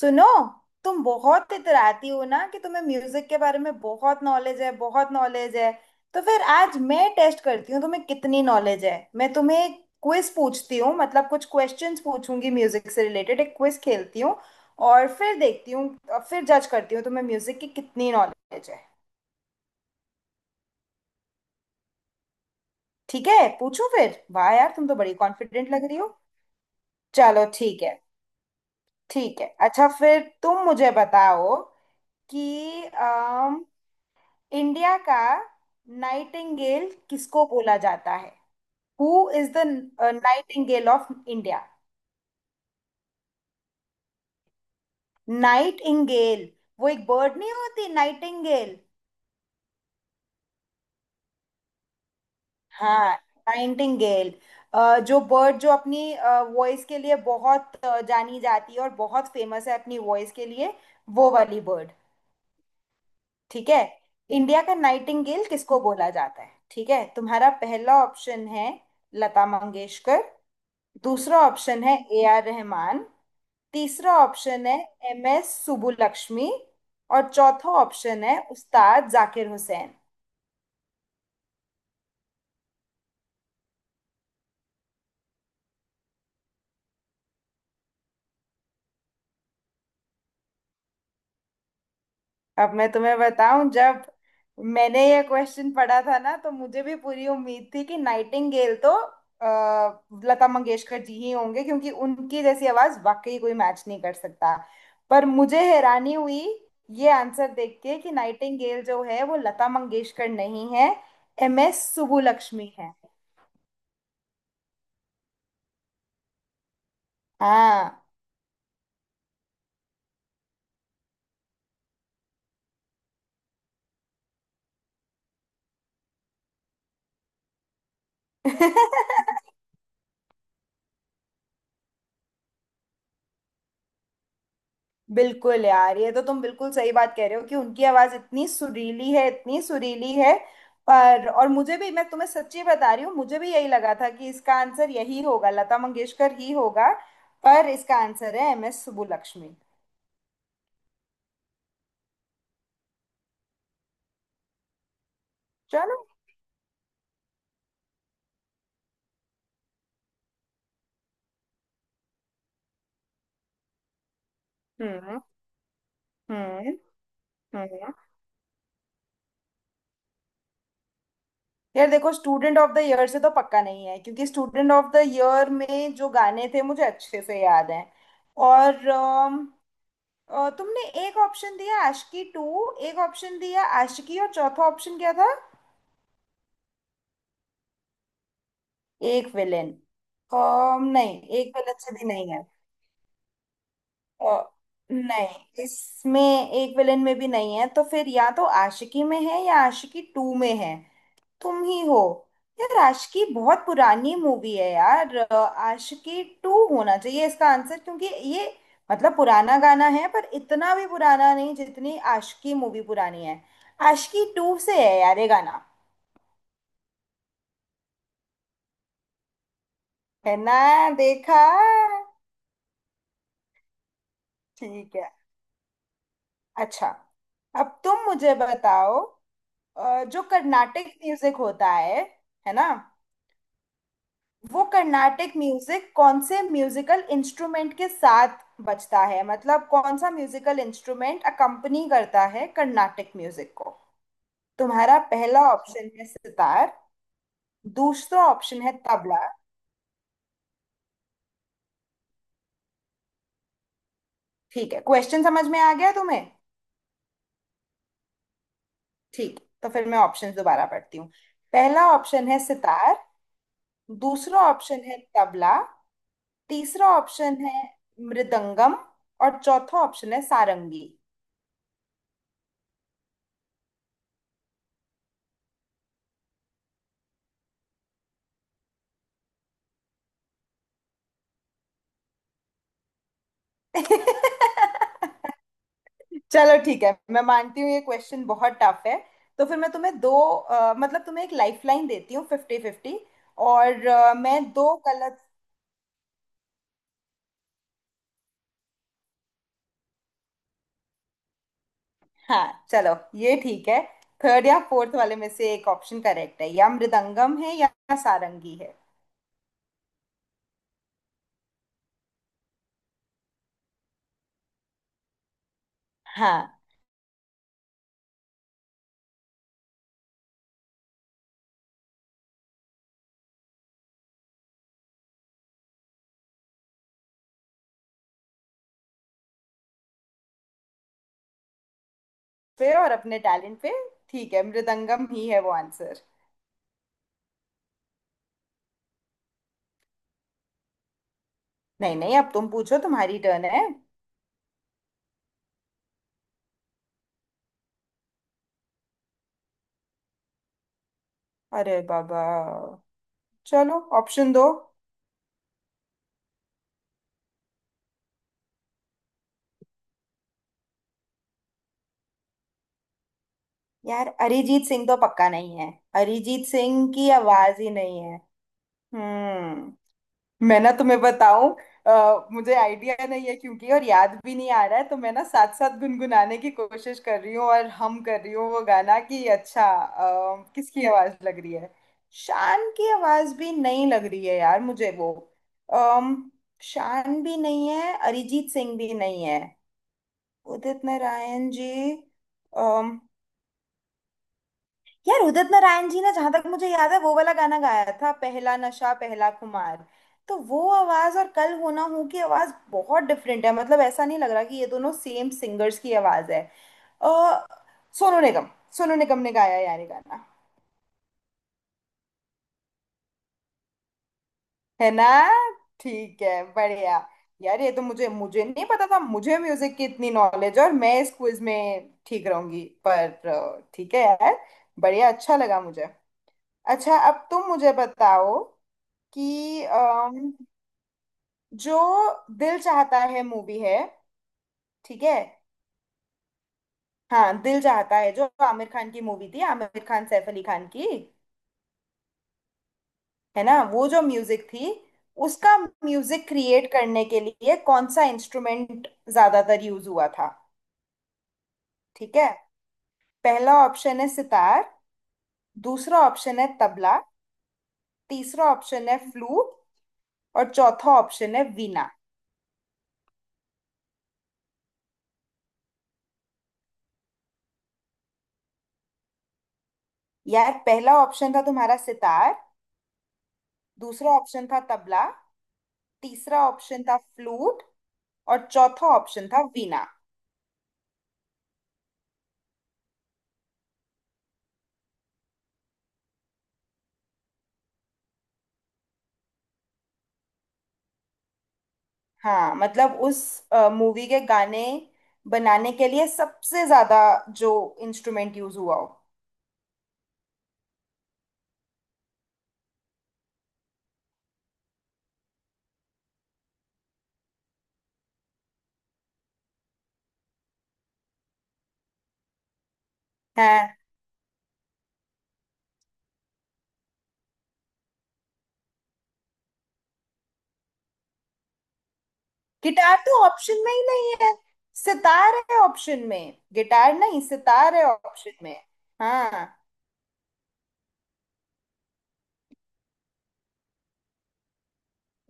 सुनो। तुम बहुत इतराती हो ना कि तुम्हें म्यूजिक के बारे में बहुत नॉलेज है, बहुत नॉलेज है। तो फिर आज मैं टेस्ट करती हूँ तुम्हें कितनी नॉलेज है। मैं तुम्हें एक क्विज पूछती हूँ, मतलब कुछ क्वेश्चंस पूछूंगी म्यूजिक से रिलेटेड, एक क्विज खेलती हूँ और फिर देखती हूँ और फिर जज करती हूँ तुम्हें म्यूजिक की कितनी नॉलेज है। ठीक है, पूछूं फिर? वाह यार, तुम तो बड़ी कॉन्फिडेंट लग रही हो। चलो ठीक है। ठीक है, अच्छा फिर तुम मुझे बताओ कि इंडिया का नाइटिंगेल किसको बोला जाता है? Who is the nightingale of India? Nightingale, वो एक बर्ड नहीं होती नाइटिंगेल? हाँ नाइटिंगेल, जो बर्ड जो अपनी वॉइस के लिए बहुत जानी जाती है और बहुत फेमस है अपनी वॉइस के लिए, वो वाली बर्ड। ठीक है, इंडिया का नाइटिंगेल किसको बोला जाता है? ठीक है, तुम्हारा पहला ऑप्शन है लता मंगेशकर, दूसरा ऑप्शन है ए आर रहमान, तीसरा ऑप्शन है एम एस सुबुलक्ष्मी, और चौथा ऑप्शन है उस्ताद जाकिर हुसैन। अब मैं तुम्हें बताऊं, जब मैंने ये क्वेश्चन पढ़ा था ना तो मुझे भी पूरी उम्मीद थी कि नाइटिंगेल तो लता मंगेशकर जी ही होंगे क्योंकि उनकी जैसी आवाज वाकई कोई मैच नहीं कर सकता। पर मुझे हैरानी हुई ये आंसर देख के कि नाइटिंगेल जो है वो लता मंगेशकर नहीं है, एम एस सुबुलक्ष्मी है। हाँ। बिल्कुल यार, ये तो तुम बिल्कुल सही बात कह रहे हो कि उनकी आवाज इतनी सुरीली है, इतनी सुरीली है। पर और मुझे भी, मैं तुम्हें सच्ची बता रही हूँ, मुझे भी यही लगा था कि इसका आंसर यही होगा, लता मंगेशकर ही होगा। पर इसका आंसर है एम एस सुब्बुलक्ष्मी। चलो। हम्म हम्म हम्म यार देखो, स्टूडेंट ऑफ द ईयर से तो पक्का नहीं है क्योंकि स्टूडेंट ऑफ द ईयर में जो गाने थे मुझे अच्छे से याद हैं। और तुमने एक ऑप्शन दिया आशिकी टू, एक ऑप्शन दिया आशिकी, और चौथा ऑप्शन क्या था, एक विलेन। नहीं, एक विलेन से भी नहीं है। अ, नहीं इसमें एक विलेन में भी नहीं है, तो फिर या तो आशिकी में है या आशिकी टू में है। तुम ही हो। यार आशिकी बहुत पुरानी मूवी है यार, आशिकी टू होना चाहिए इसका आंसर क्योंकि ये मतलब पुराना गाना है पर इतना भी पुराना नहीं जितनी आशिकी मूवी पुरानी है। आशिकी टू से है यार ये गाना। है ना? देखा। ठीक है, अच्छा अब तुम मुझे बताओ, जो कर्नाटिक म्यूजिक होता है ना, वो कर्नाटक म्यूजिक कौन से म्यूजिकल इंस्ट्रूमेंट के साथ बजता है, मतलब कौन सा म्यूजिकल इंस्ट्रूमेंट अकम्पनी करता है कर्नाटक म्यूजिक को? तुम्हारा पहला ऑप्शन है सितार, दूसरा ऑप्शन है तबला। ठीक है, क्वेश्चन समझ में आ गया तुम्हें? ठीक, तो फिर मैं ऑप्शन दोबारा पढ़ती हूँ। पहला ऑप्शन है सितार, दूसरा ऑप्शन है तबला, तीसरा ऑप्शन है मृदंगम, और चौथा ऑप्शन है सारंगी। चलो ठीक है, मैं मानती हूँ ये क्वेश्चन बहुत टफ है। तो फिर मैं तुम्हें दो, मतलब तुम्हें एक लाइफलाइन देती हूँ फिफ्टी फिफ्टी। और मैं दो गलत। हाँ चलो ये ठीक है। थर्ड या फोर्थ वाले में से एक ऑप्शन करेक्ट है, या मृदंगम है या सारंगी है। हाँ पे और अपने टैलेंट पे। ठीक है, मृदंगम ही है वो आंसर। नहीं नहीं, अब तुम पूछो, तुम्हारी टर्न है। अरे बाबा, चलो ऑप्शन दो। यार अरिजीत सिंह तो पक्का नहीं है, अरिजीत सिंह की आवाज ही नहीं है। हम्म। मैं ना तुम्हें बताऊं, मुझे आइडिया नहीं है क्योंकि और याद भी नहीं आ रहा है, तो मैं ना साथ साथ गुनगुनाने की कोशिश कर रही हूँ और हम कर रही हूँ वो गाना कि अच्छा किसकी आवाज लग रही है। शान की आवाज भी नहीं लग रही है यार मुझे वो। अम, शान भी नहीं है, अरिजीत सिंह भी नहीं है, उदित नारायण जी, यार उदित नारायण जी ने जहां तक मुझे याद है वो वाला गाना गाया था पहला नशा पहला खुमार। तो वो आवाज और कल होना हो की आवाज बहुत डिफरेंट है, मतलब ऐसा नहीं लग रहा कि ये दोनों सेम सिंगर्स की आवाज है। अ, सोनू निगम, सोनू निगम ने गाया यार ये गाना। है ना? ठीक है बढ़िया। यार ये तो मुझे मुझे नहीं पता था, मुझे म्यूजिक की इतनी नॉलेज और मैं इस क्विज में ठीक रहूंगी, पर ठीक है यार, बढ़िया अच्छा लगा मुझे। अच्छा अब तुम मुझे बताओ कि जो दिल चाहता है मूवी है, ठीक है, हाँ दिल चाहता है जो आमिर खान की मूवी थी, आमिर खान सैफ अली खान की, है ना, वो जो म्यूजिक थी उसका, म्यूजिक क्रिएट करने के लिए कौन सा इंस्ट्रूमेंट ज्यादातर यूज हुआ था? ठीक है, पहला ऑप्शन है सितार, दूसरा ऑप्शन है तबला, तीसरा ऑप्शन है फ्लूट, और चौथा ऑप्शन है वीणा। यार पहला ऑप्शन था तुम्हारा सितार, दूसरा ऑप्शन था तबला, तीसरा ऑप्शन था फ्लूट, और चौथा ऑप्शन था वीणा। हाँ मतलब उस मूवी के गाने बनाने के लिए सबसे ज्यादा जो इंस्ट्रूमेंट यूज हुआ हो। है। गिटार तो ऑप्शन में ही नहीं है, सितार है ऑप्शन में, गिटार नहीं सितार है ऑप्शन में। हाँ।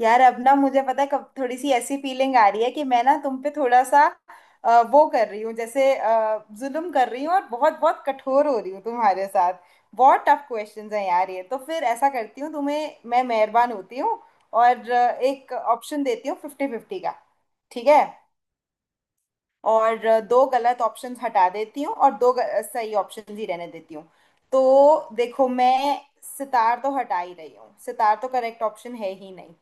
यार अब ना मुझे पता है, कब थोड़ी सी ऐसी फीलिंग आ रही है कि मैं ना तुम पे थोड़ा सा वो कर रही हूँ, जैसे जुल्म कर रही हूँ और बहुत बहुत कठोर हो रही हूँ तुम्हारे साथ। बहुत टफ क्वेश्चंस हैं यार ये तो। फिर ऐसा करती हूँ, तुम्हें मैं मेहरबान होती हूँ और एक ऑप्शन देती हूँ फिफ्टी फिफ्टी का। ठीक है, और दो गलत ऑप्शंस हटा देती हूँ और दो सही ऑप्शंस ही रहने देती हूँ। तो देखो मैं सितार तो हटा ही रही हूँ, सितार तो करेक्ट ऑप्शन है ही नहीं।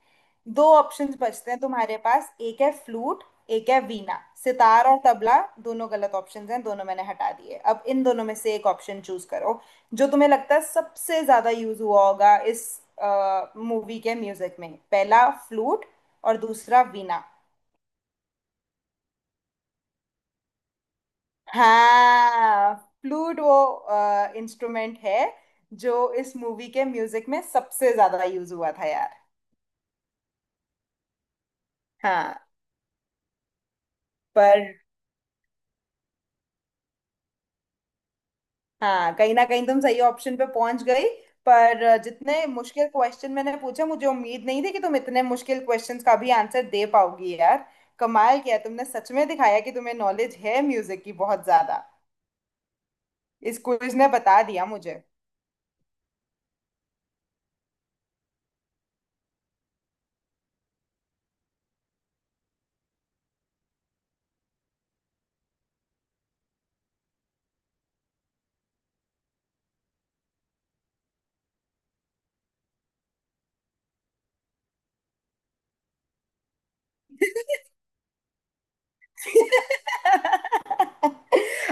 दो ऑप्शंस बचते हैं तुम्हारे पास, एक है फ्लूट, एक है वीणा। सितार और तबला दोनों गलत ऑप्शंस हैं, दोनों मैंने हटा दिए। अब इन दोनों में से एक ऑप्शन चूज करो जो तुम्हें लगता है सबसे ज्यादा यूज हुआ होगा इस मूवी के म्यूजिक में, पहला फ्लूट और दूसरा वीणा। हाँ, फ्लूट वो इंस्ट्रूमेंट है जो इस मूवी के म्यूजिक में सबसे ज्यादा यूज हुआ था यार। हाँ पर। हाँ, कहीं ना कहीं तुम सही ऑप्शन पे पहुंच गई। पर जितने मुश्किल क्वेश्चन मैंने पूछे, मुझे उम्मीद नहीं थी कि तुम इतने मुश्किल क्वेश्चंस का भी आंसर दे पाओगी यार। कमाल किया तुमने, सच में दिखाया कि तुम्हें नॉलेज है म्यूजिक की बहुत ज्यादा, इस क्विज ने बता दिया मुझे।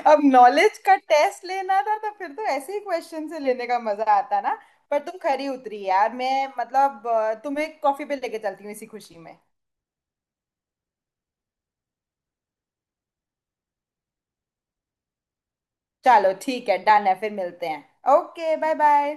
अब नॉलेज का टेस्ट लेना था तो फिर तो ऐसे ही क्वेश्चन से लेने का मजा आता ना। पर तुम खरी उतरी यार, मैं मतलब तुम्हें कॉफी पे लेके चलती हूँ इसी खुशी में। चलो ठीक है, डन है, फिर मिलते हैं। Okay bye bye.